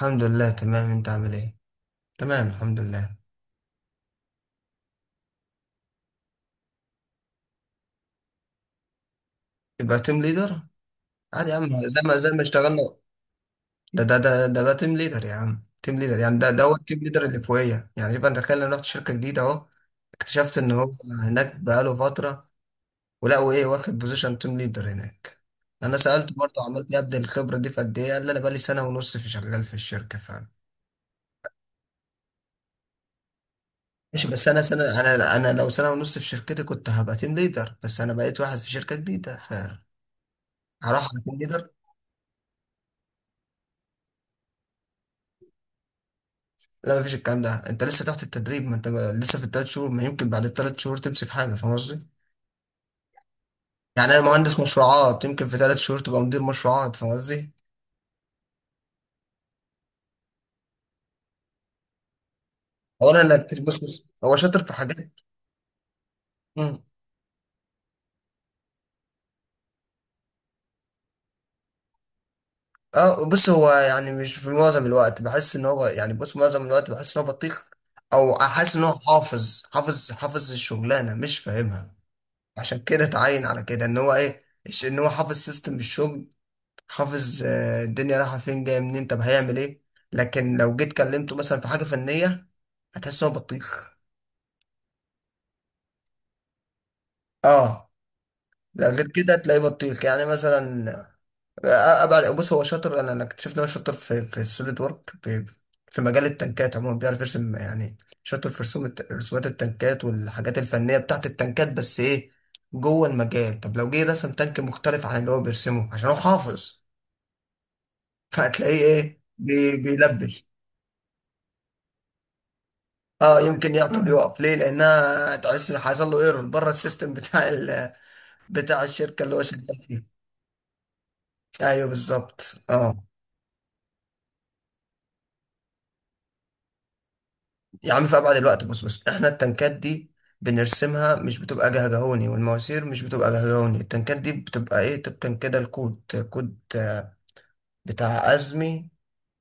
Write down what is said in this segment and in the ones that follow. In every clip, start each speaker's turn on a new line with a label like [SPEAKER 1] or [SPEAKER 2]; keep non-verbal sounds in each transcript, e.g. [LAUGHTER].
[SPEAKER 1] الحمد لله، تمام. انت عامل ايه؟ تمام، الحمد لله. يبقى تيم ليدر. عادي يا عم، زي ما اشتغلنا. ده بقى تيم ليدر يا عم، تيم ليدر يعني. ده هو التيم ليدر اللي فوقيه يعني. يبقى انت تخيل، انا رحت شركه جديده اهو. اكتشفت ان هو هناك بقاله فتره. ولقوا ايه، واخد بوزيشن تيم ليدر هناك. انا سالت برضه، عملت ايه ابدا، الخبره دي في قد ايه؟ قال لي انا بقالي سنه ونص في، شغال في الشركه فعلا. ماشي، بس انا سنه، انا لو سنه ونص في شركتي كنت هبقى تيم ليدر، بس انا بقيت واحد في شركه جديده فهروح على تيم ليدر. لا، مفيش الكلام ده، انت لسه تحت التدريب، ما انت لسه في الثلاث شهور، ما يمكن بعد الثلاث شهور تمسك حاجه. فاهم قصدي؟ يعني انا مهندس مشروعات، يمكن في ثلاث شهور تبقى مدير مشروعات. فاهم قصدي؟ اولا انك بص بص، هو شاطر في حاجات. مم. اه، بص، هو يعني مش في معظم الوقت بحس ان هو يعني، بص، معظم الوقت بحس ان هو بطيخ. او احس ان هو حافظ الشغلانه مش فاهمها. عشان كده اتعين على كده ان هو ايه، ان هو حافظ سيستم الشغل. حافظ، الدنيا رايحة فين جاية منين، طب هيعمل ايه. لكن لو جيت كلمته مثلا في حاجة فنية، هتحس إن هو بطيخ. اه. لو غير كده هتلاقيه بطيخ يعني مثلا. ابعد بص، هو شاطر، انا اكتشفت ان هو شاطر في في السوليد وورك، في في مجال التنكات عموما، بيعرف يرسم يعني. شاطر في رسومات التنكات والحاجات الفنية بتاعت التنكات، بس ايه، جوه المجال. طب لو جه رسم تانك مختلف عن اللي هو بيرسمه عشان هو حافظ، فهتلاقيه ايه، بيلبش. اه يمكن يعطل يقف، ليه، لانها تحس إن حصل له ايرور بره السيستم بتاع ال [LAUGHS] بتاع الشركه اللي هو شغال فيها. ايوه بالظبط، اه. يا عم، في ابعد الوقت، بص بص احنا التنكات دي بنرسمها، مش بتبقى جهجهوني، والمواسير مش بتبقى جهجهوني. التنكات دي بتبقى ايه، طبقا كده، الكود. كود آه، بتاع ازمي.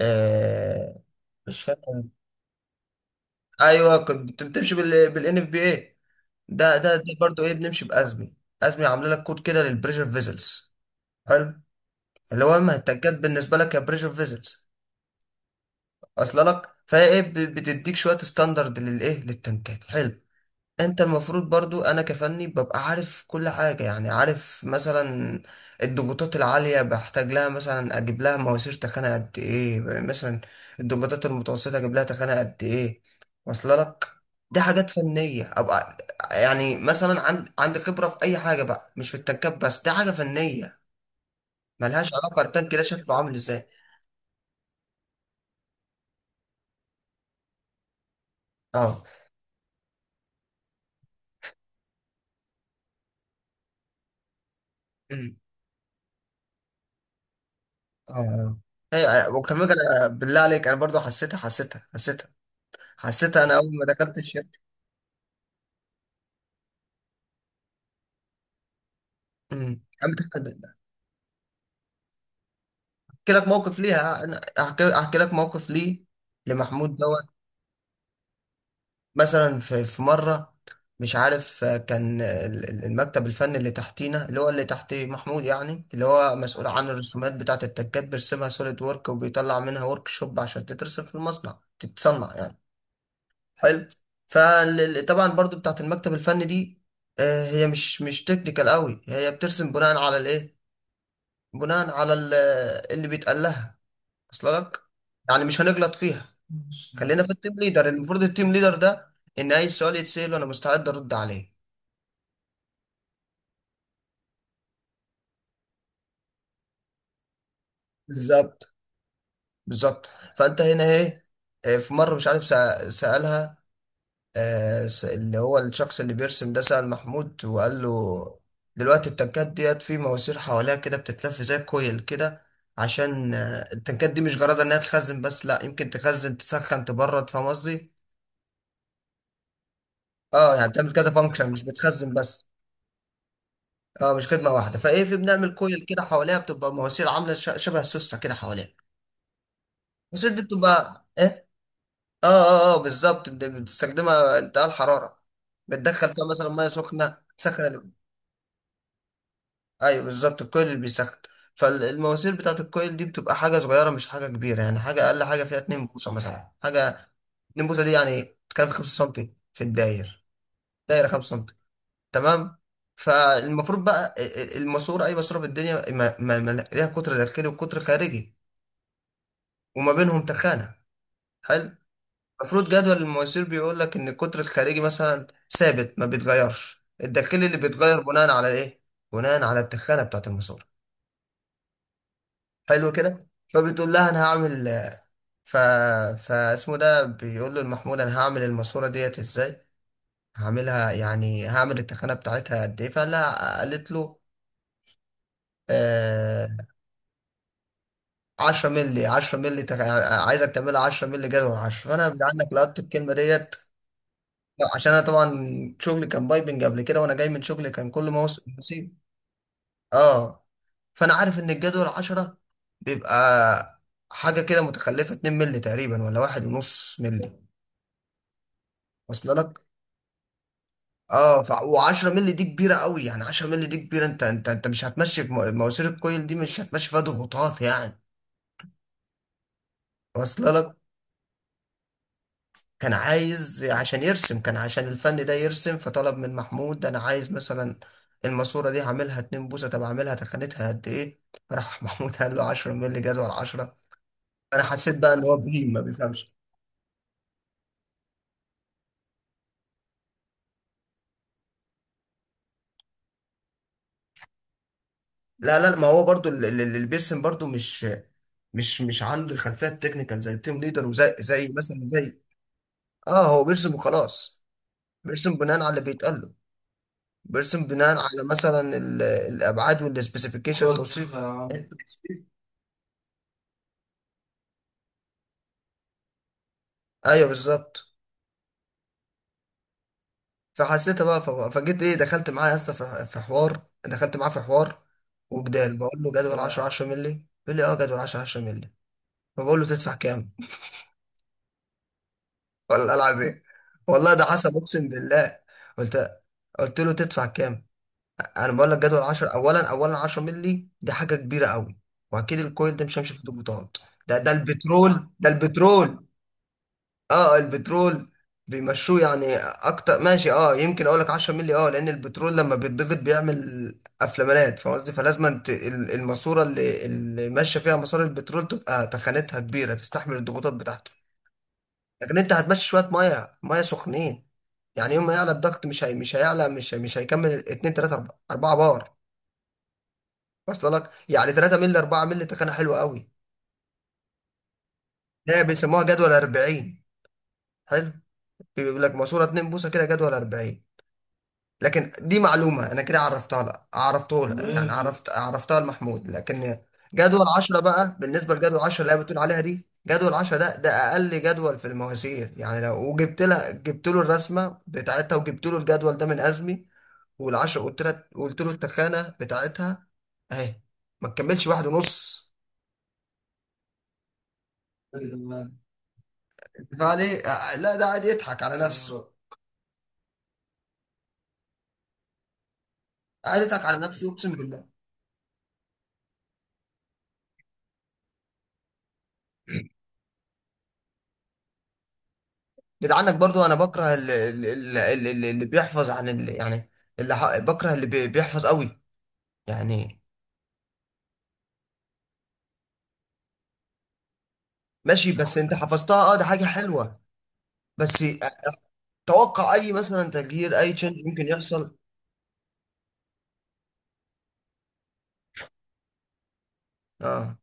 [SPEAKER 1] آه مش فاكر. ايوه كنت بتمشي بالان اف بي اي. ده برضه ايه، بنمشي بازمي. ازمي عامله لك كود كده للبريشر فيزلز، اللي هو المهتجات بالنسبه لك يا بريشر فيزلز. اصل لك، فهي ايه، بتديك شويه ستاندرد للايه للتنكات. حلو. انت المفروض برضو، انا كفني ببقى عارف كل حاجه يعني، عارف مثلا الضغوطات العاليه بحتاج لها مثلا اجيب لها مواسير تخانه قد ايه، مثلا الضغوطات المتوسطه اجيب لها تخانه قد ايه. واصل لك. دي حاجات فنيه ابقى. يعني مثلا عندي خبره في اي حاجه بقى، مش في التنكات بس. دي حاجه فنيه، ملهاش علاقه التانك ده شكله عامل ازاي. اه. مم. اه، آه. ايوه، أيوة. وكمان بالله عليك انا برضو حسيتها انا اول ما دخلت الشركه. عم بتحدد. احكي لك موقف ليها، انا احكي لك موقف ليه لمحمود دوت. مثلا في مره مش عارف. كان المكتب الفني اللي تحتينا اللي هو اللي تحت محمود يعني، اللي هو مسؤول عن الرسومات بتاعه التكات، بيرسمها سوليد وورك وبيطلع منها ورك شوب عشان تترسم في المصنع، تتصنع يعني. حلو. فطبعا برضو بتاعت المكتب الفني دي، هي مش تكنيكال قوي. هي بترسم بناء على الايه، بناء على ال- اللي بيتقال لها. اصل لك، يعني مش هنغلط فيها. خلينا في التيم ليدر. المفروض التيم ليدر ده ان اي سؤال يتسال وانا مستعد ارد عليه. بالظبط. بالظبط. فانت هنا ايه. في مره مش عارف، سالها. اللي هو الشخص اللي بيرسم ده سأل محمود وقال له، دلوقتي التنكات ديت في مواسير حواليها كده بتتلف زي كويل كده. عشان التنكات دي مش جرادة انها تخزن بس، لا، يمكن تخزن تسخن تبرد. فاهم قصدي؟ اه، يعني بتعمل كذا فانكشن، مش بتخزن بس. اه مش خدمة واحدة. فايه في بنعمل كويل كده حواليها، بتبقى مواسير عاملة شبه السوستة كده حواليها. المواسير دي بتبقى ايه؟ اه بالظبط، بتستخدمها انتقال حرارة، بتدخل فيها مثلا ميه سخنة تسخن. ايوه بالظبط، الكويل اللي بيسخن. فالمواسير بتاعت الكويل دي بتبقى حاجه صغيره، مش حاجه كبيره، يعني حاجه اقل حاجه فيها 2 بوصه مثلا، حاجه 2 بوصه دي يعني، بتتكلم في 5 سم في الداير. دايره 5 سم. تمام. فالمفروض بقى الماسوره، اي ماسوره في الدنيا، ما ليها قطر داخلي وقطر خارجي، وما بينهم تخانه. حلو. المفروض جدول المواسير بيقول لك ان القطر الخارجي مثلا ثابت ما بيتغيرش، الداخلي اللي بيتغير بناء على ايه، بناء على التخانه بتاعت الماسوره. حلو كده. فبتقول لها انا هعمل ف فاسمه ده، بيقول له المحمود، انا هعمل الماسوره ديت ازاي، هعملها يعني هعمل التخانه بتاعتها قد ايه. فقال لها، قالت له، آه 10 مللي، 10 مللي عايزك تعملها 10 مللي، جدول 10. فانا عنك لقطت الكلمه ديت، عشان انا طبعا شغلي كان بايبنج قبل كده، وانا جاي من شغلي كان كل ما اوصل نسيب. اه، فانا عارف ان الجدول 10 بيبقى حاجه كده متخلفه 2 مللي تقريبا، ولا واحد ونص مللي. وصل لك. اه، و10 مللي دي كبيره قوي يعني، 10 مللي دي كبيره، انت مش هتمشي في مواسير، الكويل دي مش هتمشي فيها ضغوطات يعني. وصل لك. كان عايز عشان يرسم، كان عشان الفن ده يرسم، فطلب من محمود، انا عايز مثلا الماسوره دي هعملها 2 بوصه، طب اعملها تخانتها قد ايه. راح [LAUGHS] محمود قال له 10 مللي جدول 10. انا حسيت بقى ان هو بهيم ما بيفهمش. لا لا، ما هو برضو اللي بيرسم برضو مش عنده الخلفيه التكنيكال زي التيم ليدر، وزي مثلا زي، اه هو بيرسم وخلاص. بيرسم بناء على اللي بيتقال له. بيرسم بناء على مثلا الابعاد والسبيسيفيكيشن، الخطف توصيف، التوصيف. ايوه بالظبط. فحسيت بقى، فجيت ايه، دخلت معاه يا اسطى في حوار، دخلت معاه في حوار وجدال. بقول له جدول 10، 10 مللي. بيقول لي اه جدول 10، 10 مللي. فبقول له تدفع كام. [LAUGHS] والله العظيم. والله ده حسب، اقسم بالله. قلت قلت له تدفع كام. انا بقول لك جدول 10، اولا 10 مللي دي حاجه كبيره قوي، واكيد الكويل ده مش هيمشي في ضغوطات. ده البترول، ده البترول. اه، البترول بيمشوه يعني اكتر ماشي، اه يمكن اقول لك 10 مللي، اه لان البترول لما بيتضغط بيعمل افلامات. فاهم قصدي. فلازم انت الماسوره اللي ماشيه فيها مسار البترول تبقى تخانتها كبيره تستحمل الضغوطات بتاعته. لكن انت هتمشي شويه ميه ميه سخنين، يعني يوم ما يعلى الضغط، مش هي، مش هيعلى، مش هيكمل 2 3 4 بار. اصل لك. يعني 3 مللي، 4 مللي تخانه حلوه قوي، ده بيسموها جدول 40. حلو. بيقول لك ماسوره 2 بوصه كده جدول 40. لكن دي معلومه انا كده عرفتها لك، عرفته لك يعني ماشي، عرفتها لمحمود، لكن جدول 10 بقى، بالنسبه لجدول 10 اللي هي بتقول عليها دي، جدول 10، ده اقل جدول في المواسير. يعني لو وجبت لها جبت له الرسمه بتاعتها وجبت له الجدول ده من ازمي. وال10 قلت له التخانه بتاعتها اهي ما تكملش واحد ونص. فعليه، لا ده قاعد يضحك على نفسه. قاعد يضحك على نفسه، اقسم بالله. جدعنك برضو، انا بكره اللي بيحفظ عن اللي يعني، بكره بيحفظ قوي يعني. ماشي، بس انت حفظتها، اه ده حاجة حلوة، بس، توقع اي مثلا تغيير، اي تشنج ممكن يحصل. اه،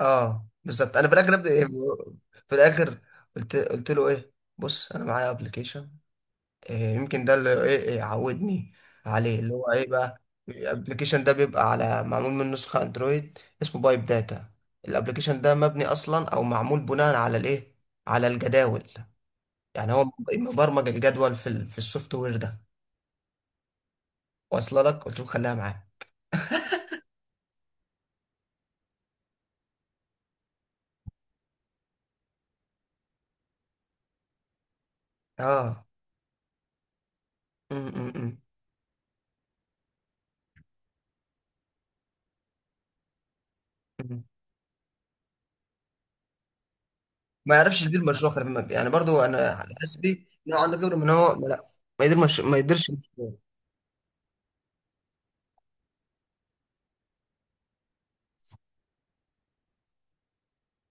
[SPEAKER 1] اه بالظبط. انا في الاخر ابدا إيه؟ في الاخر قلت له ايه، بص انا معايا ابلكيشن، إيه، يمكن ده اللي ايه، إيه عودني عليه، اللي هو ايه بقى. الابلكيشن ده بيبقى على، معمول من نسخة اندرويد، اسمه بايب داتا. الابلكيشن ده مبني اصلا او معمول بناء على الايه، على الجداول. يعني هو مبرمج الجدول في في السوفت وير ده. واصله لك. قلت له خليها معاه. اه. م- م- م- م. ما يعرفش يدير مشروع، خلي بالك يعني برضو، انا على حسبي إن هو عنده خبره، من هو؟ لا، ما يديرش.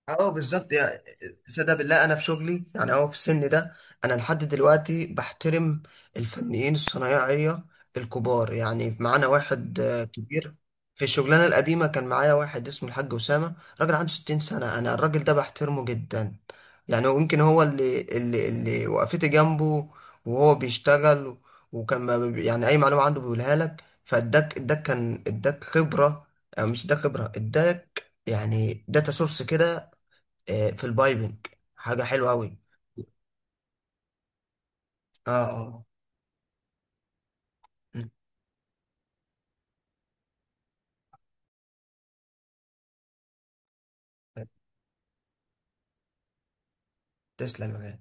[SPEAKER 1] اه بالظبط، يعني صدق بالله، انا في شغلي يعني، اه في السن ده انا لحد دلوقتي بحترم الفنيين الصنايعيه الكبار. يعني معانا واحد، كبير، في الشغلانه القديمه كان معايا واحد اسمه الحاج اسامه. راجل عنده 60 سنه، انا الراجل ده بحترمه جدا. يعني هو يمكن هو اللي وقفت جنبه وهو بيشتغل. وكان ما بي- يعني اي معلومه عنده بيقولها لك، فاداك اداك، كان اداك خبره، أو مش اداك خبره، اداك يعني داتا سورس كده، في البايبنج. حاجة حلوة أوي. اه. م. تسلم يا غالي.